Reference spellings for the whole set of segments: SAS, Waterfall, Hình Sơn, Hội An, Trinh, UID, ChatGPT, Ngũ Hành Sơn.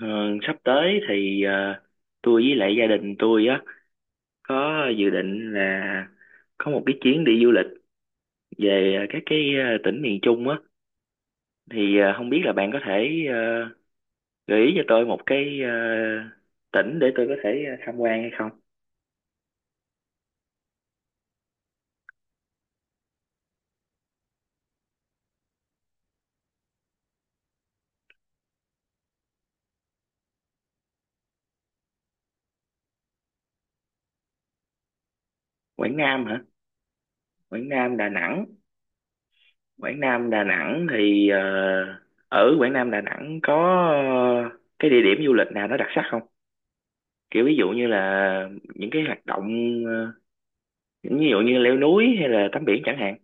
Ờ, Sắp tới thì tôi với lại gia đình tôi á có dự định là có một cái chuyến đi du lịch về các cái tỉnh miền Trung á, thì không biết là bạn có thể gợi ý cho tôi một cái tỉnh để tôi có thể tham quan hay không? Quảng Nam hả? Quảng Nam Đà Nẵng. Quảng Nam Đà Nẵng thì ở Quảng Nam Đà Nẵng có ờ, cái địa điểm du lịch nào nó đặc sắc không? Kiểu ví dụ như là những cái hoạt động, ờ, ví dụ như leo núi hay là tắm biển chẳng hạn.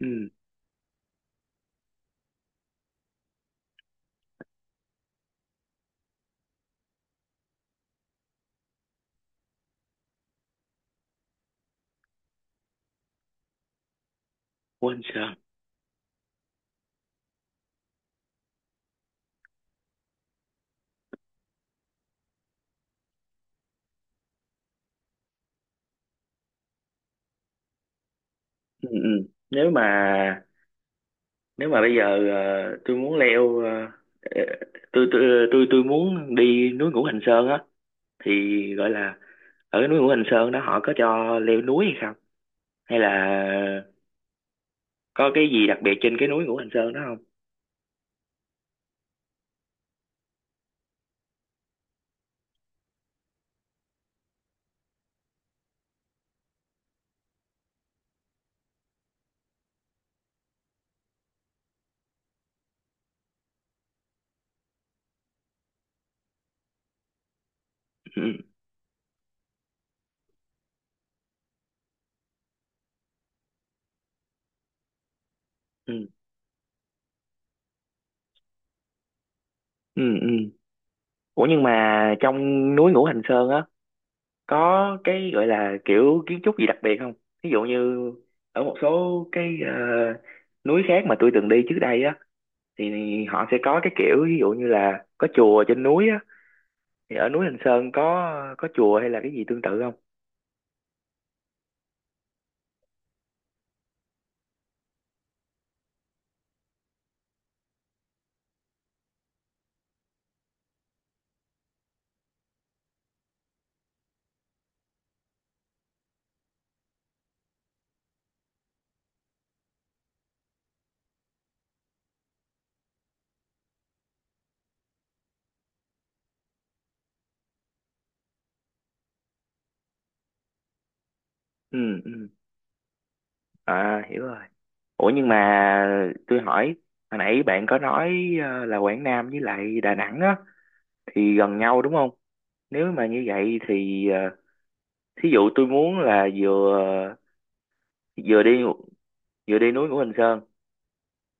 Ừ, quên sao. Ừ, ừ. Nếu mà bây giờ, tôi muốn leo, ờ, tôi tôi tôi muốn đi núi Ngũ Hành Sơn á, thì gọi là ở núi Ngũ Hành Sơn đó họ có cho leo núi hay không, hay là có cái gì đặc biệt trên cái núi Ngũ Hành Sơn đó không? Ừ, ừ, ừ, ừ. Ủa nhưng mà trong núi Ngũ Hành Sơn á có cái gọi là kiểu kiến trúc gì đặc biệt không? Ví dụ như ở một số cái núi khác mà tôi từng đi trước đây á, thì họ sẽ có cái kiểu ví dụ như là có chùa trên núi á, thì ở núi Hình Sơn có chùa hay là cái gì tương tự không? Ừ, ừ. À, hiểu rồi. Ủa nhưng mà tôi hỏi, hồi nãy bạn có nói là Quảng Nam với lại Đà Nẵng á thì gần nhau đúng không? Nếu mà như vậy thì thí dụ tôi muốn là vừa vừa đi vừa đi núi của Hình Sơn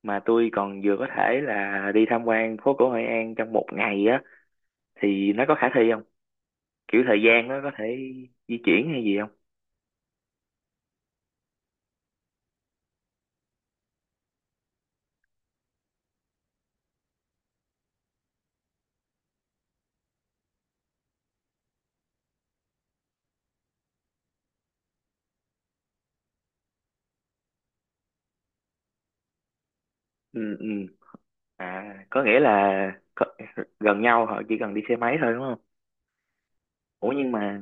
mà tôi còn vừa có thể là đi tham quan phố cổ Hội An trong một ngày á, thì nó có khả thi không, kiểu thời gian nó có thể di chuyển hay gì không? Ừ, ừ. À, có nghĩa là có, gần nhau họ chỉ cần đi xe máy thôi đúng không? Ủa nhưng mà,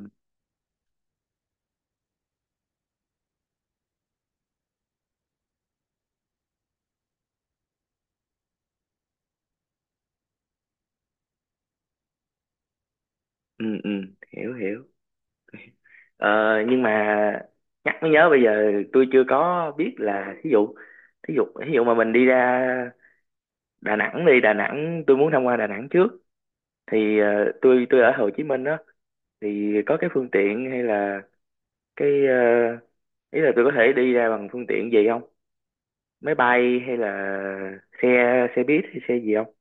ừ, ừ, hiểu, hiểu. ờ, nhưng mà nhắc mới nhớ, bây giờ tôi chưa có biết là thí dụ mà mình đi Đà Nẵng, tôi muốn tham quan Đà Nẵng trước thì tôi ở Hồ Chí Minh đó, thì có cái phương tiện hay là cái, uh, ý là tôi có thể đi ra bằng phương tiện gì không? Máy bay hay là xe xe buýt hay xe gì không?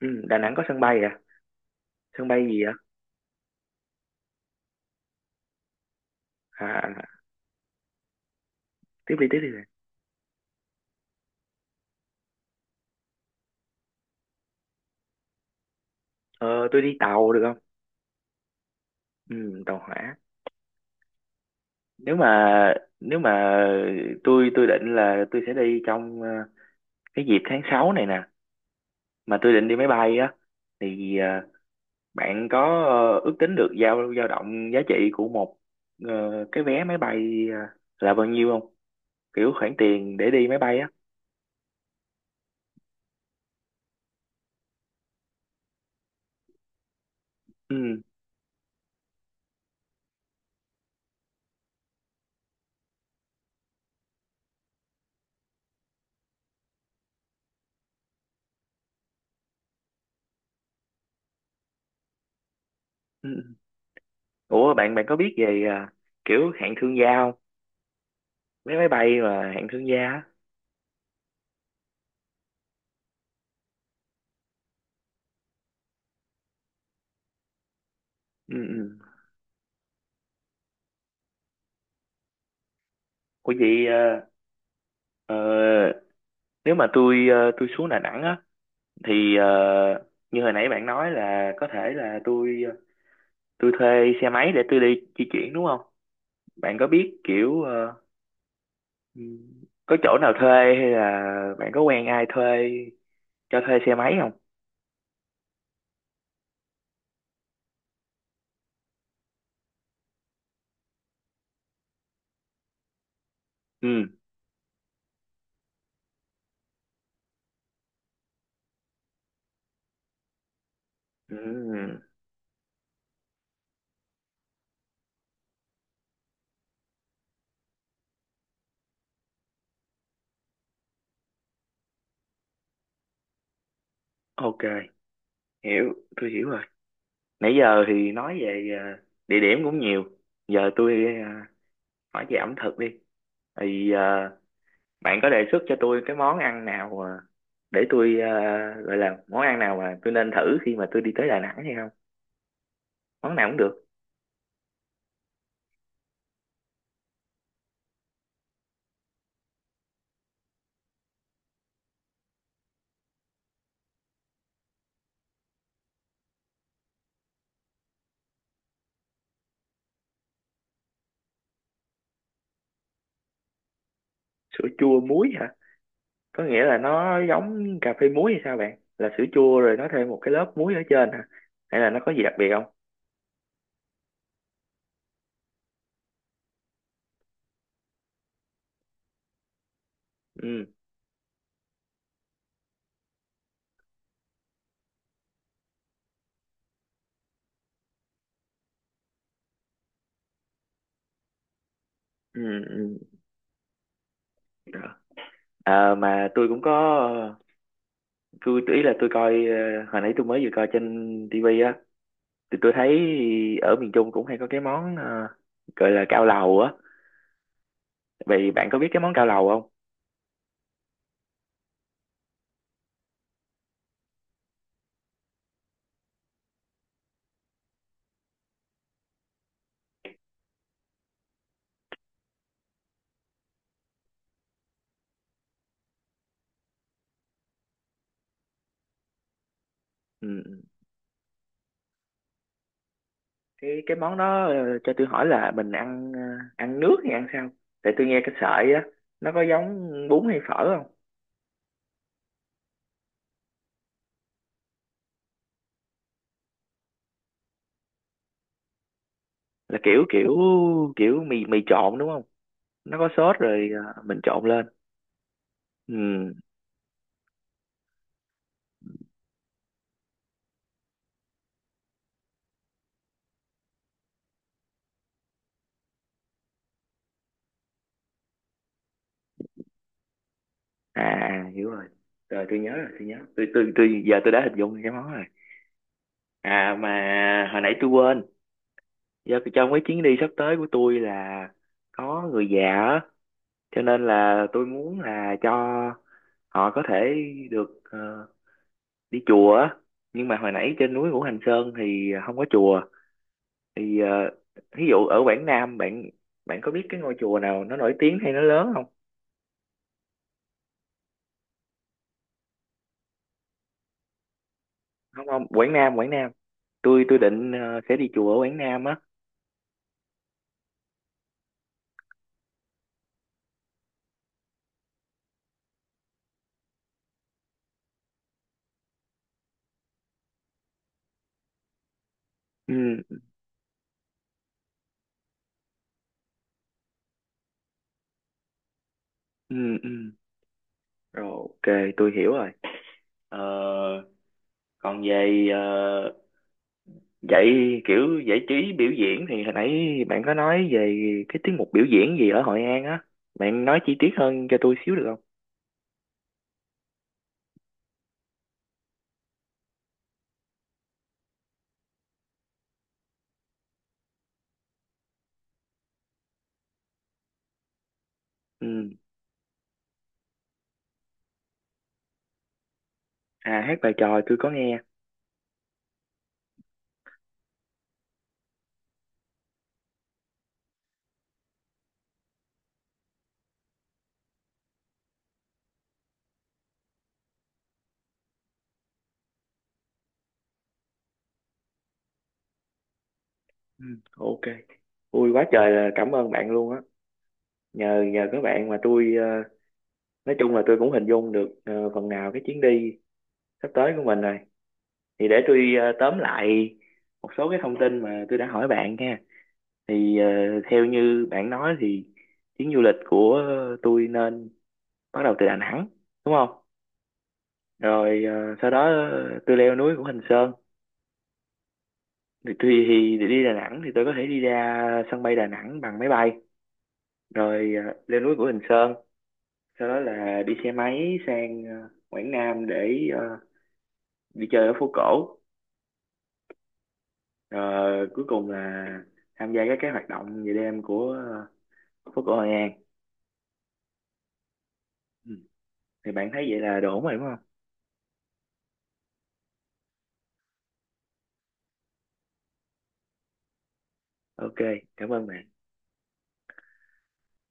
Ừ, Đà Nẵng có sân bay à? Sân bay gì à? à à, Tiếp đi, tiếp đi. Ờ, tôi đi tàu được không? Ừ, tàu hỏa. Nếu mà nếu mà tôi định là tôi sẽ đi trong cái dịp tháng 6 này nè, mà tôi định đi máy bay á, thì bạn có ước tính được dao dao động giá trị của một cái vé máy bay là bao nhiêu không? Kiểu khoản tiền để đi máy bay á. Ừ. Ừ. Ủa bạn bạn có biết về kiểu hạng thương gia không? Vé máy bay mà hạng thương gia á. Ừ. Ừ. Ủa vậy ờ, nếu mà tôi, tôi xuống Đà Nẵng á, thì như hồi nãy bạn nói là có thể là tôi tôi thuê xe máy để tôi đi di chuyển đúng không? Bạn có biết kiểu ừ, có chỗ nào thuê, hay là bạn có quen ai thuê cho thuê xe máy không? Ừ. Ừ. OK, tôi hiểu rồi. Nãy giờ thì nói về địa điểm cũng nhiều, giờ tôi hỏi về ẩm thực đi. Thì bạn có đề xuất cho tôi cái món ăn nào để tôi gọi là món ăn nào mà tôi nên thử khi mà tôi đi tới Đà Nẵng hay không? Món nào cũng được. Sữa chua muối hả? Có nghĩa là nó giống cà phê muối hay sao bạn, là sữa chua rồi nó thêm một cái lớp muối ở trên hả, hay là nó có gì đặc biệt không? Ừ, ừ, ừ. Ờ, mà tôi cũng có, ờ, tôi ý là tôi coi, hồi nãy tôi mới vừa coi trên tivi, thì tôi thấy ở miền Trung cũng hay có cái món gọi là cao lầu á. Vậy bạn có biết cái món cao lầu không? Ừ. Ừ. cái món đó, cho tôi hỏi là mình ăn, ăn nước hay ăn sao? Tại tôi nghe cái sợi á, nó có giống bún hay phở không? Là kiểu kiểu kiểu mì mì trộn đúng không? Nó có sốt rồi, mình trộn lên. Ừ. Hiểu rồi, tôi nhớ rồi, tôi giờ tôi đã hình dung cái món rồi. À mà hồi nãy tôi quên, do trong cái chuyến đi sắp tới của tôi là có người già á, cho nên là tôi muốn là cho họ có thể được đi chùa á. Nhưng mà hồi nãy trên núi Ngũ Hành Sơn thì không có chùa, thì ví dụ ở Quảng Nam, bạn bạn có biết cái ngôi chùa nào nó nổi tiếng hay nó lớn không? Không, không, Quảng Nam, Quảng Nam, tôi định sẽ đi chùa ở Quảng Nam á. Ừ, ừ, ừ. Rồi, OK, tôi hiểu rồi. Ờ, Còn về vậy, kiểu giải trí biểu diễn thì hồi nãy bạn có nói về cái tiết mục biểu diễn gì ở Hội An á. Bạn nói chi tiết hơn cho tôi xíu được không? Ừ. À, hát bài tròi tôi có nghe. Ừ, OK. Vui quá trời, là cảm ơn bạn luôn á. Nhờ nhờ các bạn mà tôi nói chung là tôi cũng hình dung được phần nào cái chuyến đi sắp tới của mình rồi. Thì để tôi tóm lại một số cái thông tin mà tôi đã hỏi bạn nha. Thì theo như bạn nói thì chuyến du lịch của tôi nên bắt đầu từ Đà Nẵng đúng không? Rồi sau đó tôi leo núi của Hình Sơn, thì tôi, để đi Đà Nẵng thì tôi có thể đi ra sân bay Đà Nẵng bằng máy bay, rồi leo núi của Hình Sơn, sau đó là đi xe máy sang Quảng Nam để đi chơi ở phố cổ, rồi cuối cùng là tham gia các cái hoạt động về đêm của phố cổ Hội An. Ừ. Thì bạn thấy vậy là đủ rồi đúng không? OK, cảm ơn bạn.